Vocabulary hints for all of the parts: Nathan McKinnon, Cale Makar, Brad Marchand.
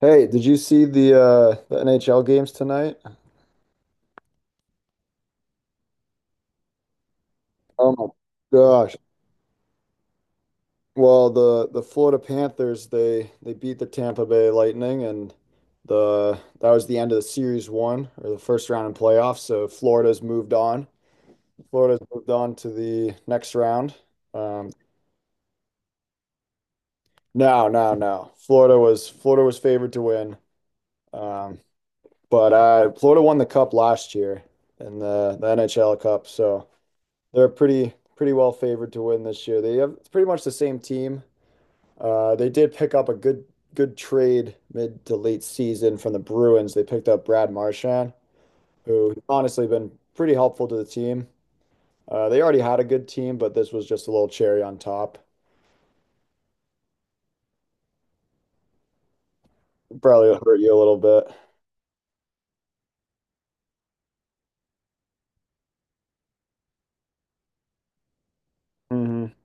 Hey, did you see the NHL games tonight? Oh my gosh. Well, the Florida Panthers they beat the Tampa Bay Lightning, and the that was the end of the series one, or the first round in playoffs. So Florida's moved on. Florida's moved on to the next round. Um no, no, no. Florida was favored to win. Um but Florida won the cup last year in the NHL Cup, so they're pretty well favored to win this year. They have It's pretty much the same team. They did pick up a good trade mid to late season from the Bruins. They picked up Brad Marchand, who honestly been pretty helpful to the team. They already had a good team, but this was just a little cherry on top. Probably hurt you a little bit. Mm hmm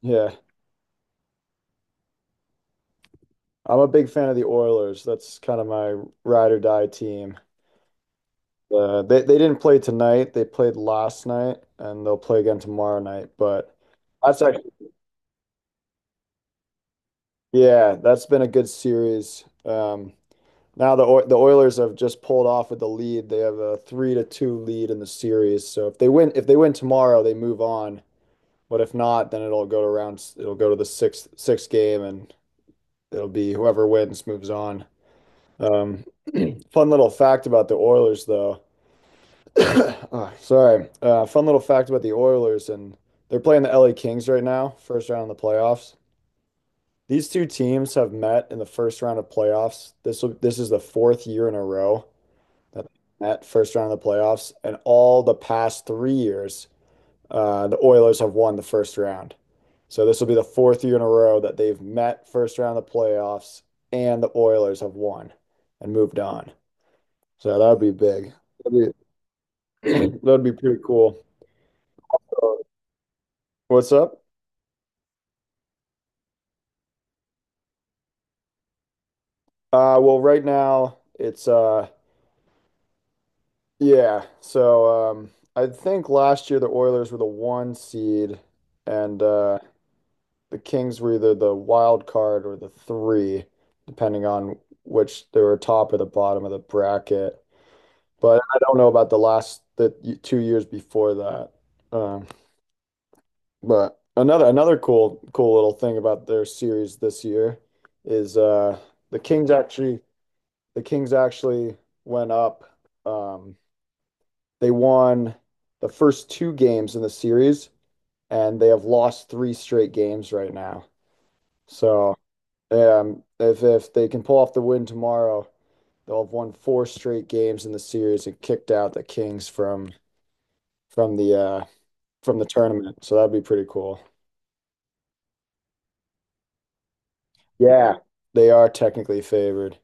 Yeah, I'm a big fan of the Oilers. That's kind of my ride or die team. They didn't play tonight. They played last night, and they'll play again tomorrow night. But that's actually Yeah, that's been a good series. Now the Oil the Oilers have just pulled off with the lead. They have a 3-2 lead in the series. So if they win tomorrow, they move on. But if not, then it'll go to rounds. It'll go to the sixth game, and it'll be whoever wins moves on. Um, Fun little fact about the Oilers, though. Oh, sorry. Fun little fact about the Oilers, and they're playing the LA Kings right now, first round of the playoffs. These two teams have met in the first round of playoffs. This is the fourth year in a row that they met first round of the playoffs, and all the past 3 years, the Oilers have won the first round. So this will be the fourth year in a row that they've met first round of the playoffs, and the Oilers have won and moved on. So that would be big. That'd that'd be pretty cool. What's up? Well, right now it's. Yeah. So I think last year the Oilers were the one seed, and the Kings were either the wild card or the three, depending on which they were, top or the bottom of the bracket. But I don't know about the last the y- 2 years before that. Um, but another cool little thing about their series this year is the Kings actually the Kings actually went up. Um, They won the first two games in the series, and they have lost three straight games right now. So, if they can pull off the win tomorrow, they'll have won four straight games in the series and kicked out the Kings from the uh from the tournament. So that'd be pretty cool. Yeah, they are technically favored.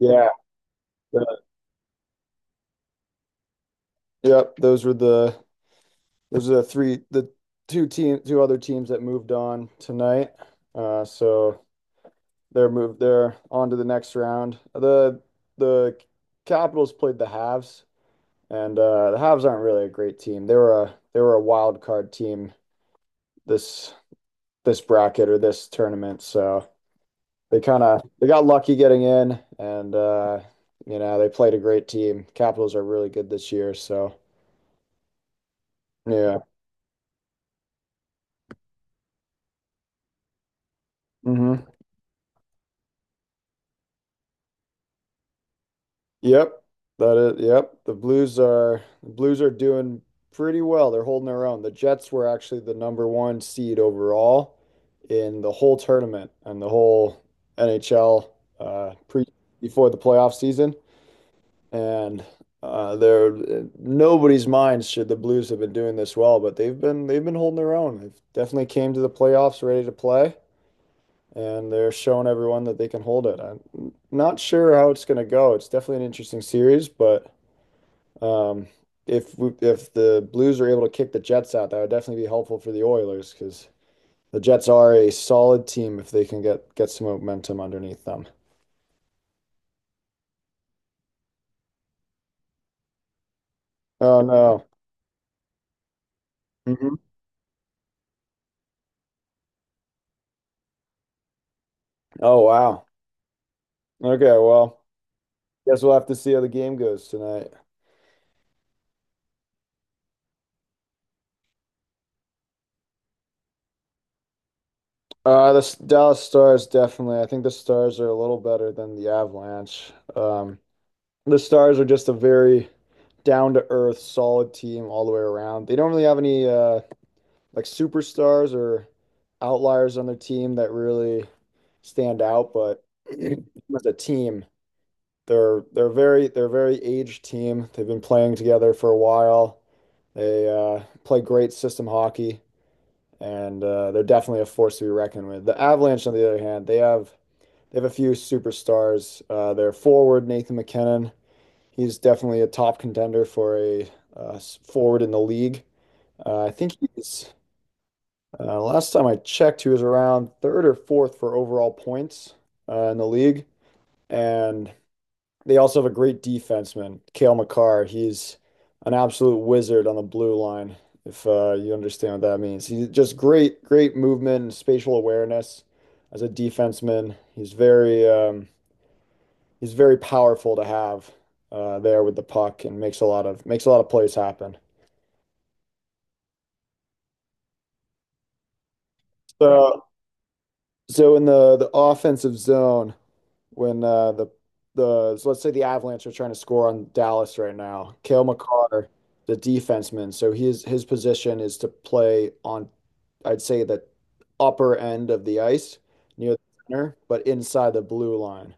Yeah. the- yep. Those were the those are the three the Two other teams that moved on tonight. So they're on to the next round. The Capitals played the Habs, and the Habs aren't really a great team. They were a wild card team this this bracket or this tournament. So they kind of they got lucky getting in, and they played a great team. Capitals are really good this year, so yeah. Hmm. Yep, that is. Yep, the Blues are doing pretty well. They're holding their own. The Jets were actually the number one seed overall in the whole tournament and the whole NHL pre before the playoff season. And they're, in nobody's mind should the Blues have been doing this well, but they've been holding their own. They've definitely came to the playoffs ready to play, and they're showing everyone that they can hold it. I'm not sure how it's going to go. It's definitely an interesting series, but. Um, if the Blues are able to kick the Jets out, that would definitely be helpful for the Oilers, because the Jets are a solid team if they can get some momentum underneath them. Oh no. Hmm. Oh wow. Okay, well, guess we'll have to see how the game goes tonight. The Dallas Stars definitely. I think the Stars are a little better than the Avalanche. The Stars are just a very down to earth, solid team all the way around. They don't really have any like superstars or outliers on their team that really stand out, but as a team, they're a very aged team. They've been playing together for a while. They play great system hockey, and they're definitely a force to be reckoned with. The Avalanche, on the other hand, they have a few superstars. Their forward Nathan McKinnon, he's definitely a top contender for a uh, forward in the league. I think he's Last time I checked, he was around third or fourth for overall points, in the league. And they also have a great defenseman, Cale Makar. He's an absolute wizard on the blue line, if you understand what that means. He's just great, great movement and spatial awareness as a defenseman. He's very powerful to have there with the puck, and makes a lot of plays happen. So, so, in the offensive zone, when the so let's say the Avalanche are trying to score on Dallas right now. Cale Makar, the defenseman, so his position is to play on, I'd say, the upper end of the ice near the center, but inside the blue line.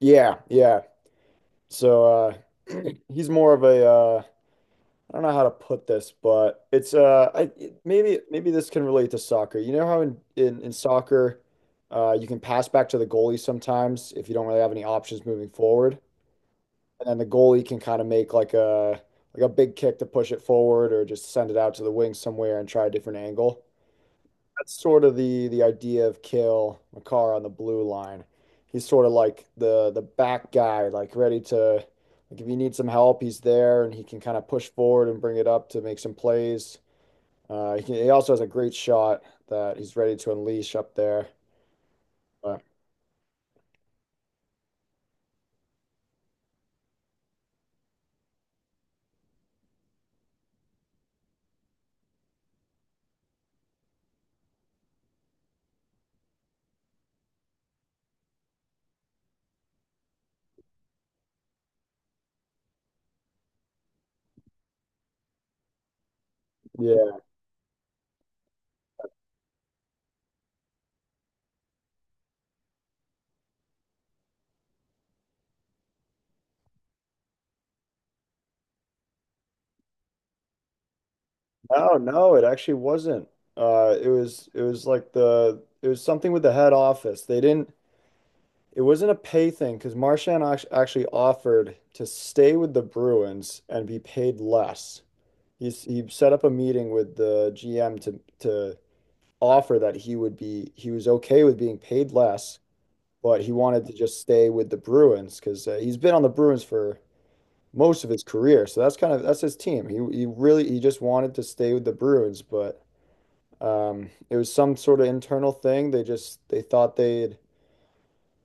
Yeah, yeah. So he's more of a, I don't know how to put this, but it's maybe this can relate to soccer. You know how in soccer you can pass back to the goalie sometimes if you don't really have any options moving forward. And then the goalie can kind of make like a big kick to push it forward, or just send it out to the wing somewhere and try a different angle. That's sort of the idea of kill McCarr on the blue line. He's sort of like the back guy, like ready to, like, if you need some help, he's there, and he can kind of push forward and bring it up to make some plays. He also has a great shot that he's ready to unleash up there. But yeah, no, no, it actually wasn't. It was something with the head office. They didn't It wasn't a pay thing, because Marchand actually offered to stay with the Bruins and be paid less. He set up a meeting with the GM to offer that he would be he was okay with being paid less, but he wanted to just stay with the Bruins because he's been on the Bruins for most of his career. So that's kind of that's his team. He really he just wanted to stay with the Bruins, but it was some sort of internal thing. They just they thought they'd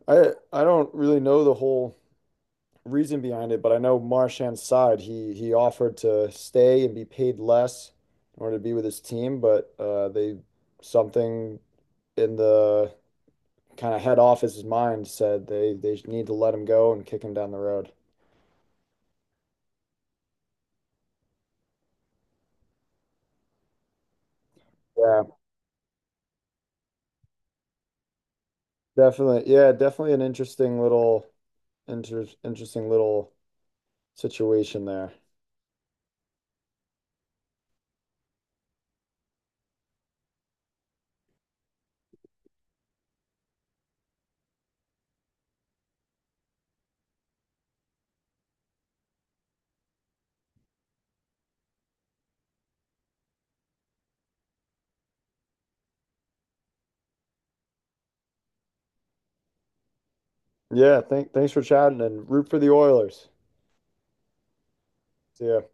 I don't really know the whole reason behind it, but I know Marchand's side, he offered to stay and be paid less in order to be with his team, but they, something in the kind of head office's mind said they need to let him go and kick him down the road. Yeah, definitely. Yeah, definitely an interesting little inter interesting little situation there. Yeah, thanks for chatting, and root for the Oilers. See ya.